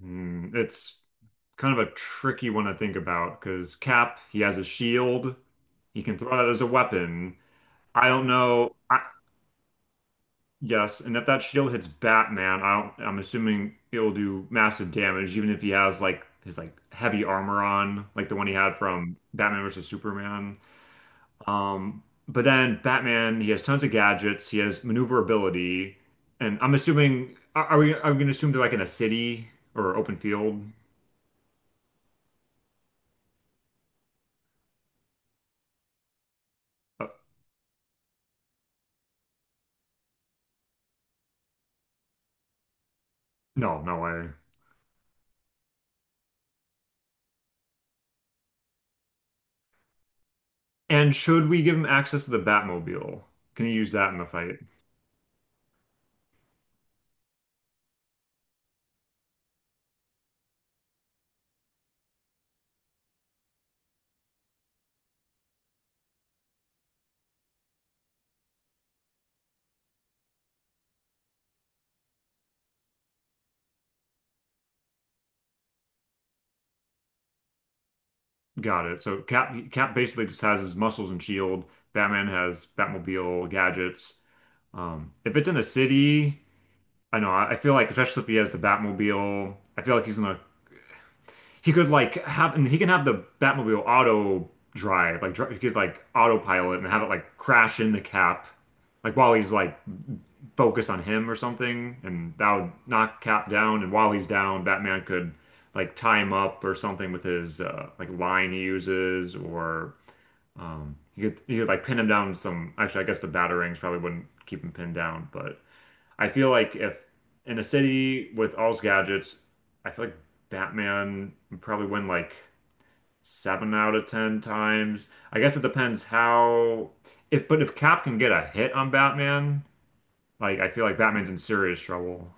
It's kind of a tricky one to think about because Cap, he has a shield. He can throw that as a weapon. I don't know. Yes, and if that shield hits Batman, I don't, I'm assuming it'll do massive damage, even if he has like his like heavy armor on, like the one he had from Batman versus Superman. Um, but then Batman, he has tons of gadgets. He has maneuverability, and I'm assuming are we are we going to assume they're like in a city or open field? Uh, No, no way. And should we give him access to the Batmobile? Can he use that in the fight? Got it. So Cap basically just has his muscles and shield. Batman has Batmobile gadgets. If it's in a city, I know. I feel like especially if he has the Batmobile, I feel like he's gonna. He could like have and he can have the Batmobile auto drive, like dri he could like autopilot and have it like crash into Cap, like while he's like focus on him or something, and that would knock Cap down. And while he's down, Batman could like tie him up or something with his like line he uses, or he could like pin him down. With some actually, I guess the batarangs probably wouldn't keep him pinned down, but I feel like if in a city with all his gadgets, I feel like Batman would probably win like seven out of ten times. I guess it depends how. If but if Cap can get a hit on Batman, like I feel like Batman's in serious trouble.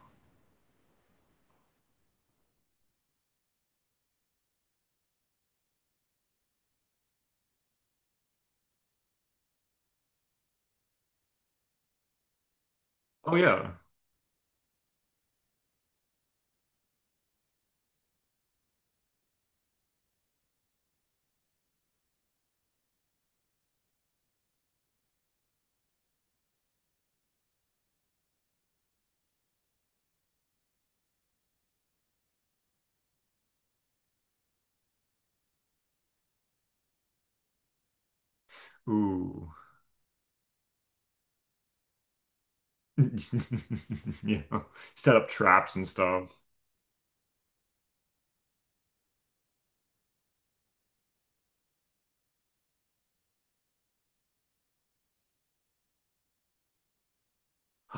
Oh yeah. Ooh. Yeah. Set up traps and stuff.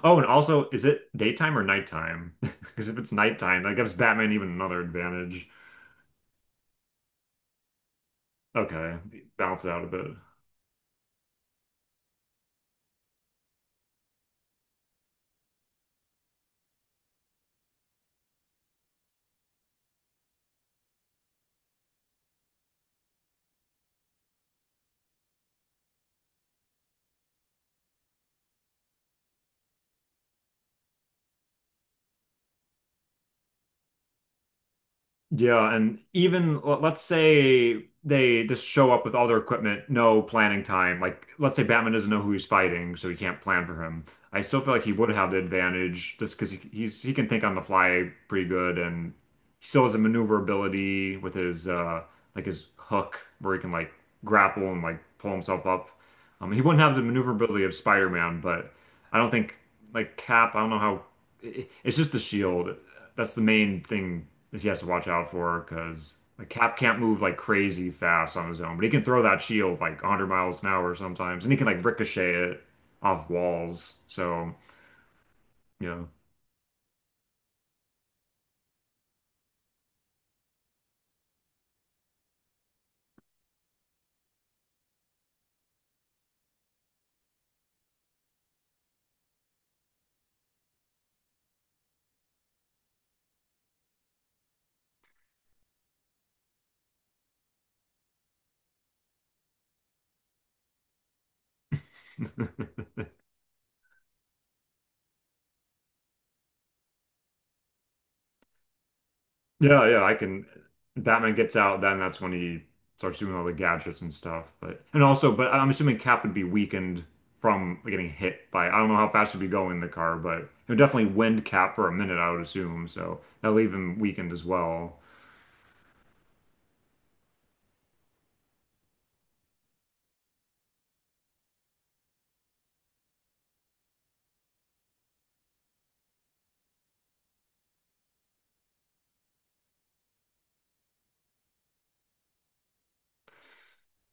Oh, and also, is it daytime or nighttime? Because if it's nighttime, that gives Batman even another advantage. Okay, balance it out a bit. Yeah, and even l- let's say they just show up with all their equipment, no planning time. Like, let's say Batman doesn't know who he's fighting, so he can't plan for him. I still feel like he would have the advantage just because he's he can think on the fly pretty good, and he still has the maneuverability with his like his hook where he can like grapple and like pull himself up. He wouldn't have the maneuverability of Spider-Man, but I don't think like Cap, I don't know how it's just the shield. That's the main thing that he has to watch out for because like Cap can't move like crazy fast on his own, but he can throw that shield like 100 miles an hour sometimes, and he can like ricochet it off walls. So, you know. Yeah, yeah, I can. Batman gets out, then that's when he starts doing all the gadgets and stuff. But and also, but I'm assuming Cap would be weakened from getting hit by. I don't know how fast he'd be going in the car, but it would definitely wind Cap for a minute, I would assume. So that'll leave him weakened as well.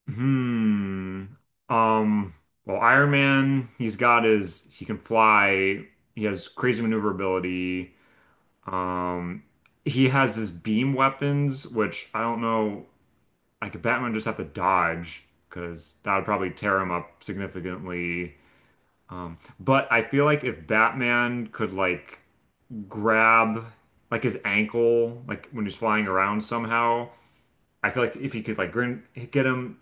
Hmm. Um. Well, Iron Man, he's got his. He can fly. He has crazy maneuverability. Um. He has his beam weapons, which I don't know. Like Batman just have to dodge because that would probably tear him up significantly. But I feel like if Batman could like grab like his ankle, like when he's flying around somehow, I feel like if he could like grin- get him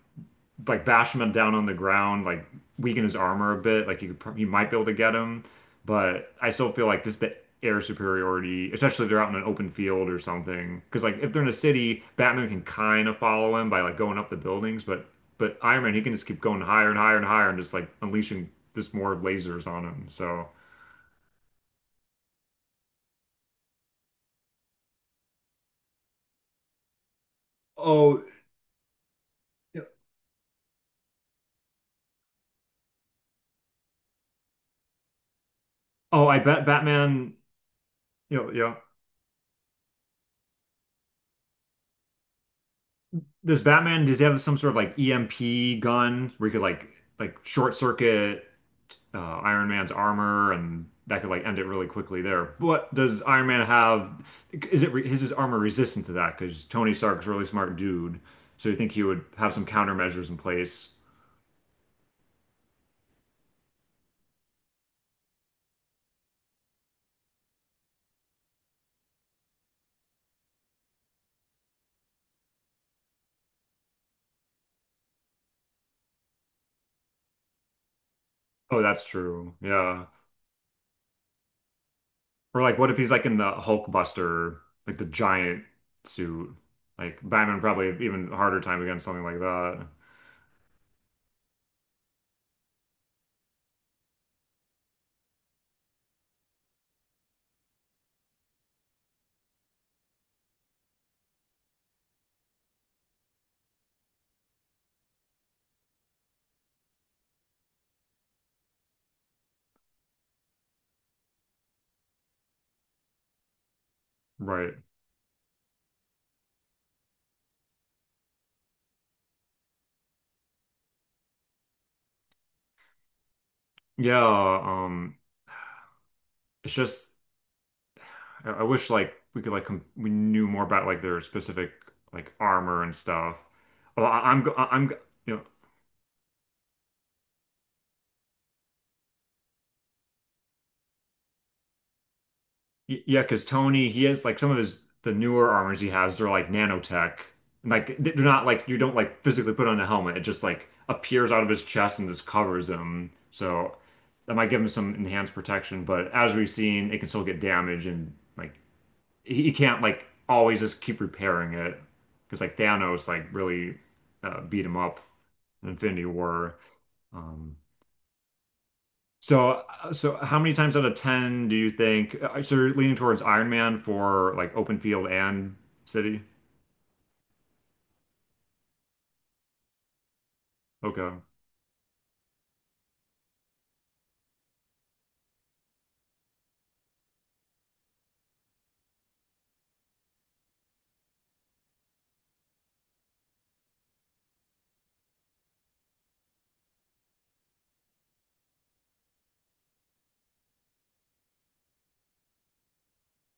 like bash him down on the ground, like weaken his armor a bit. Like you could, you might be able to get him, but I still feel like just the air superiority, especially if they're out in an open field or something. Because like if they're in a city, Batman can kind of follow him by like going up the buildings, but Iron Man he can just keep going higher and higher and higher and just like unleashing just more lasers on him. So Oh, oh, I bet Batman. You know, yeah. Does Batman, does he have some sort of like EMP gun where he could like short circuit Iron Man's armor and that could like end it really quickly there. But does Iron Man have is it re- is his armor resistant to that? Because Tony Stark's a really smart dude, so you think he would have some countermeasures in place? Oh, that's true. Yeah. Or like, what if he's like in the Hulk Buster, like the giant suit? Like Batman probably have even harder time against something like that. Right. Yeah. Um. It's just I wish like we could like com we knew more about like their specific like armor and stuff. Well, you know y- yeah, because Tony he has like some of his the newer armors he has they're like nanotech like they're not like you don't like physically put on a helmet it just like appears out of his chest and just covers him. So that might give him some enhanced protection, but as we've seen, it can still get damaged and like he can't like always just keep repairing it because like Thanos like really beat him up in Infinity War. Um, so so how many times out of 10 do you think so you're leaning towards Iron Man for like open field and city? Okay.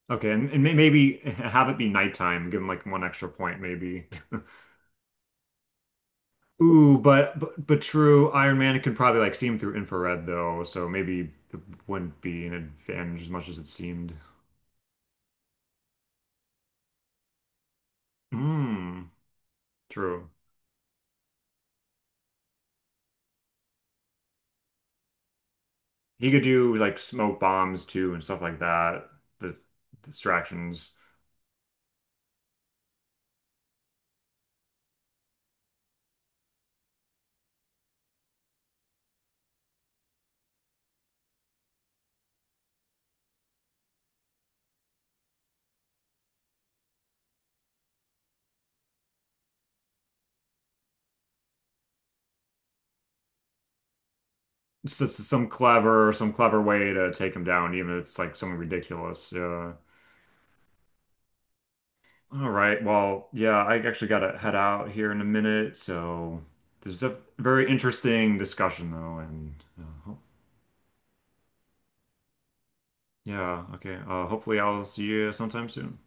Okay, and may- maybe have it be nighttime, give him like one extra point, maybe. Ooh, but true, Iron Man could probably like see him through infrared though, so maybe it wouldn't be an advantage as much as it seemed. Hmm. True. He could do like smoke bombs too and stuff like that. The distractions. It's just some clever way to take him down, even if it's like something ridiculous. Yeah. All right. Well, yeah, I actually gotta head out here in a minute. So this is a very interesting discussion though, and uh, ho- yeah, okay. Hopefully I'll see you sometime soon.